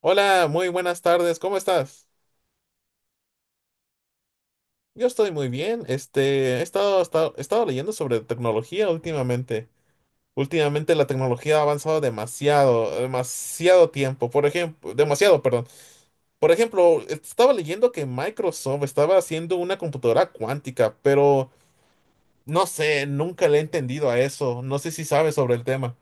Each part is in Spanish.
Hola, muy buenas tardes, ¿cómo estás? Yo estoy muy bien. He estado, he estado leyendo sobre tecnología últimamente. Últimamente la tecnología ha avanzado demasiado, demasiado tiempo. Por ejemplo, perdón. Por ejemplo, estaba leyendo que Microsoft estaba haciendo una computadora cuántica, pero no sé, nunca le he entendido a eso. No sé si sabes sobre el tema.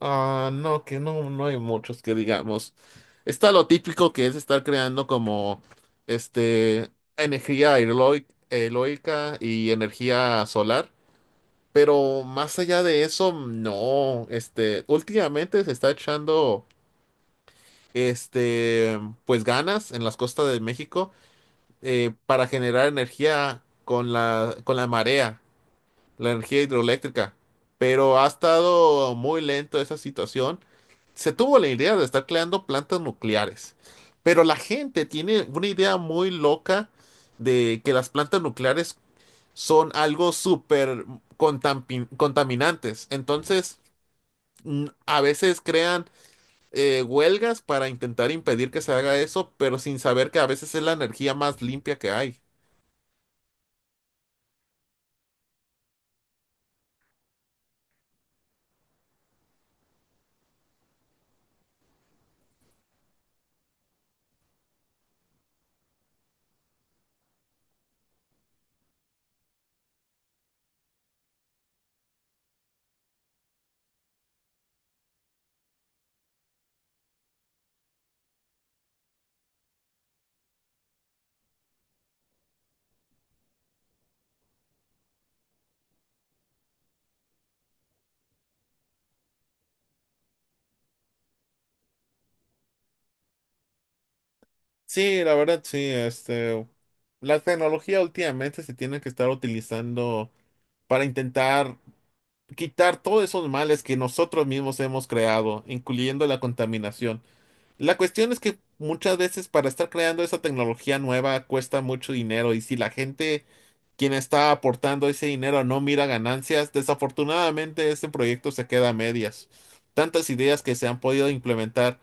Ah, no, que no, no hay muchos que digamos. Está lo típico que es estar creando como este energía eólica y energía solar, pero más allá de eso, no. Últimamente se está echando este pues ganas en las costas de México, para generar energía con la marea, la energía hidroeléctrica, pero ha estado muy lento esa situación. Se tuvo la idea de estar creando plantas nucleares, pero la gente tiene una idea muy loca de que las plantas nucleares son algo súper contaminantes. Entonces, a veces crean huelgas para intentar impedir que se haga eso, pero sin saber que a veces es la energía más limpia que hay. Sí, la verdad, sí. La tecnología últimamente se tiene que estar utilizando para intentar quitar todos esos males que nosotros mismos hemos creado, incluyendo la contaminación. La cuestión es que muchas veces para estar creando esa tecnología nueva cuesta mucho dinero, y si la gente, quien está aportando ese dinero, no mira ganancias, desafortunadamente este proyecto se queda a medias. Tantas ideas que se han podido implementar,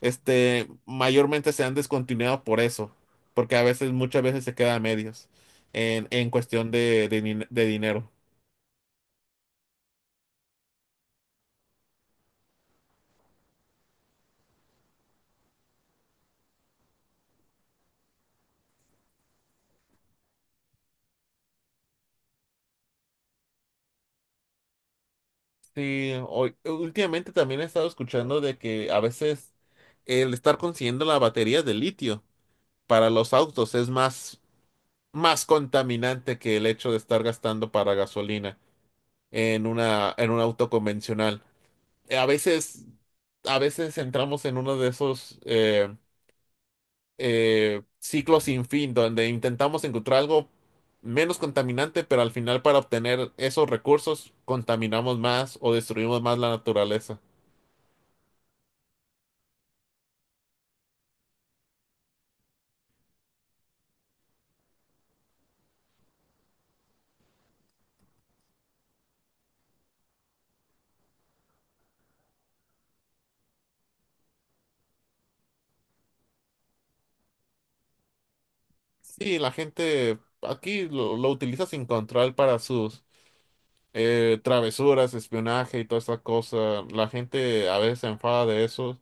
mayormente se han descontinuado por eso, porque a veces, muchas veces se queda a medias en cuestión de dinero. Sí, hoy, últimamente también he estado escuchando de que a veces el estar consiguiendo la batería de litio para los autos es más, más contaminante que el hecho de estar gastando para gasolina en una, en un auto convencional. Eh, A veces, a veces entramos en uno de esos ciclo sin fin, donde intentamos encontrar algo menos contaminante, pero al final para obtener esos recursos contaminamos más o destruimos más la naturaleza. Sí, la gente aquí lo utiliza sin control para sus travesuras, espionaje y toda esa cosa. La gente a veces se enfada de eso.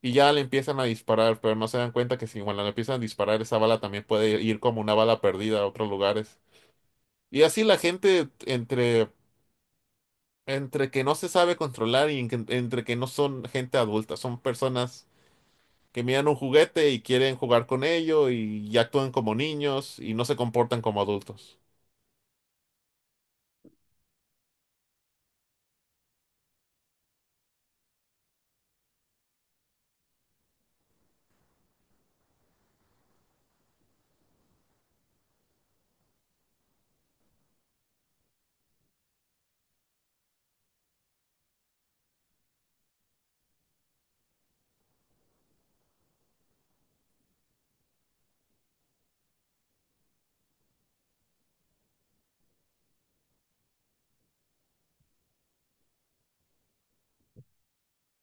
Y ya le empiezan a disparar, pero no se dan cuenta que si cuando le empiezan a disparar, esa bala también puede ir como una bala perdida a otros lugares. Y así la gente entre. Entre que no se sabe controlar y en que- entre que no son gente adulta, son personas que miran un juguete y quieren jugar con ello, y actúan como niños y no se comportan como adultos.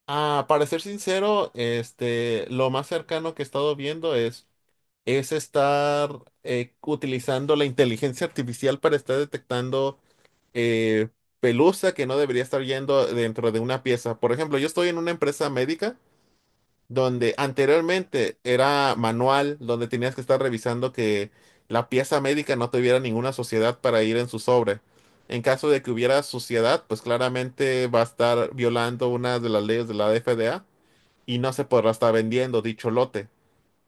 Ah, para ser sincero, lo más cercano que he estado viendo es estar utilizando la inteligencia artificial para estar detectando eh, pelusa que no debería estar yendo dentro de una pieza. Por ejemplo, yo estoy en una empresa médica donde anteriormente era manual, donde tenías que estar revisando que la pieza médica no tuviera ninguna suciedad para ir en su sobre. En caso de que hubiera suciedad, pues claramente va a estar violando una de las leyes de la FDA y no se podrá estar vendiendo dicho lote.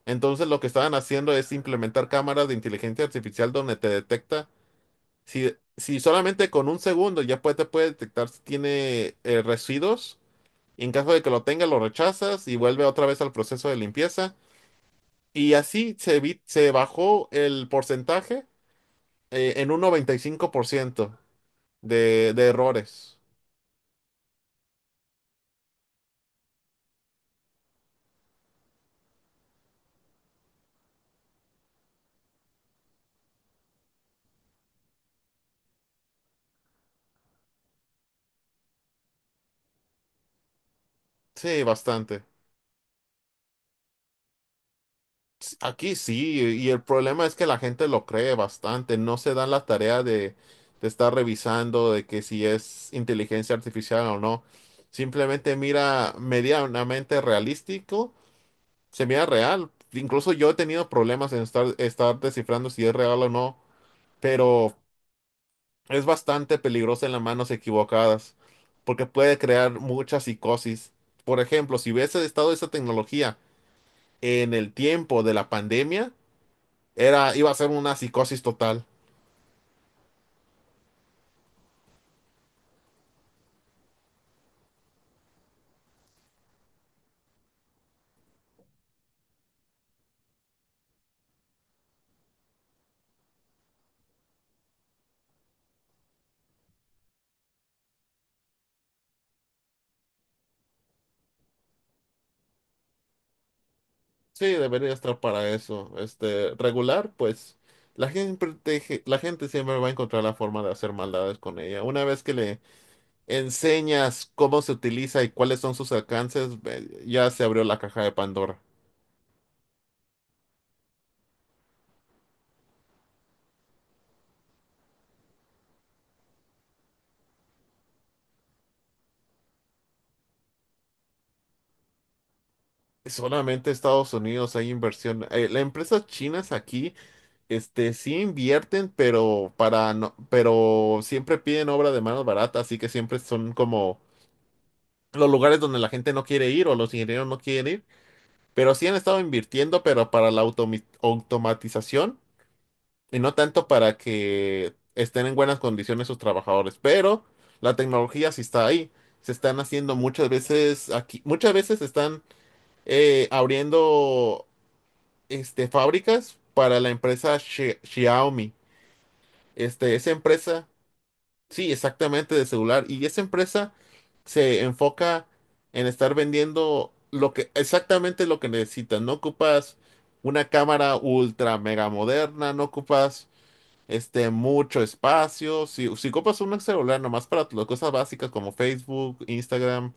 Entonces lo que estaban haciendo es implementar cámaras de inteligencia artificial donde te detecta si, si solamente con un segundo ya puede, te puede detectar si tiene residuos, y en caso de que lo tenga, lo rechazas y vuelve otra vez al proceso de limpieza. Y así se bajó el porcentaje en un 95% de errores. Sí, bastante. Aquí sí, y el problema es que la gente lo cree bastante, no se dan la tarea de estar revisando de que si es inteligencia artificial o no. Simplemente mira medianamente realístico, se mira real. Incluso yo he tenido problemas en estar, estar descifrando si es real o no, pero es bastante peligrosa en las manos equivocadas, porque puede crear mucha psicosis. Por ejemplo, si hubiese estado esa tecnología en el tiempo de la pandemia, era, iba a ser una psicosis total. Sí, debería estar para eso. Regular, pues la gente, la gente siempre va a encontrar la forma de hacer maldades con ella. Una vez que le enseñas cómo se utiliza y cuáles son sus alcances, ya se abrió la caja de Pandora. Solamente Estados Unidos hay inversión. Las empresas chinas aquí, sí invierten, pero para no, pero siempre piden obra de mano barata, así que siempre son como los lugares donde la gente no quiere ir o los ingenieros no quieren ir. Pero sí han estado invirtiendo, pero para la automatización, y no tanto para que estén en buenas condiciones sus trabajadores. Pero la tecnología sí está ahí. Se están haciendo muchas veces aquí, muchas veces están abriendo fábricas para la empresa Xiaomi. Este, esa empresa, sí, exactamente de celular. Y esa empresa se enfoca en estar vendiendo lo que, exactamente lo que necesitas. No ocupas una cámara ultra mega moderna, no ocupas mucho espacio. Si, si ocupas un celular nomás para las cosas básicas como Facebook, Instagram,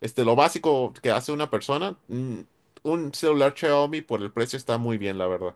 lo básico que hace una persona, un celular Xiaomi por el precio está muy bien, la verdad.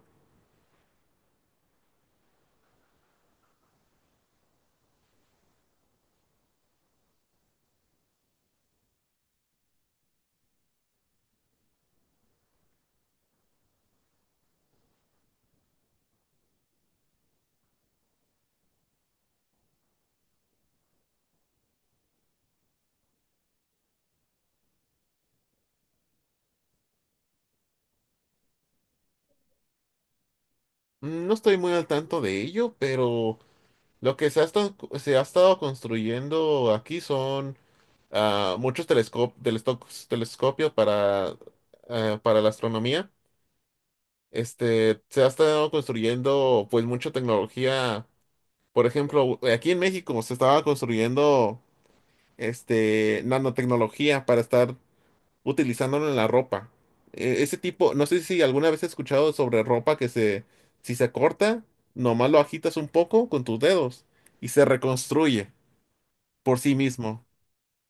No estoy muy al tanto de ello, pero lo que se ha estado construyendo aquí son, ah, muchos telescopios para, ah, para la astronomía. Se ha estado construyendo pues mucha tecnología. Por ejemplo, aquí en México se estaba construyendo nanotecnología para estar utilizándolo en la ropa. Ese tipo, no sé si alguna vez has escuchado sobre ropa que se, si se corta, nomás lo agitas un poco con tus dedos y se reconstruye por sí mismo.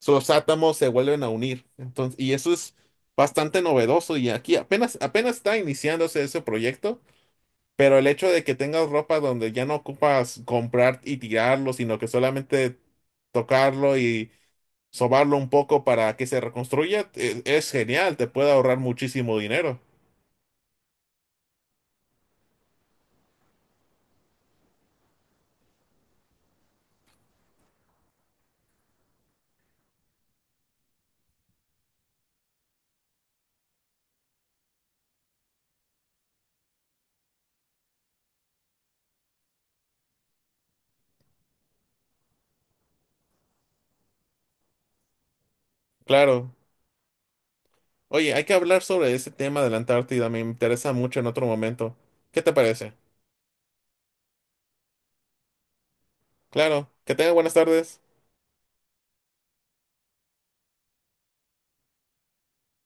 So, los átomos se vuelven a unir. Entonces, y eso es bastante novedoso, y aquí apenas, apenas está iniciándose ese proyecto, pero el hecho de que tengas ropa donde ya no ocupas comprar y tirarlo, sino que solamente tocarlo y sobarlo un poco para que se reconstruya, es, genial, te puede ahorrar muchísimo dinero. Claro. Oye, hay que hablar sobre ese tema de la Antártida, me interesa mucho en otro momento. ¿Qué te parece? Claro, que tenga buenas tardes.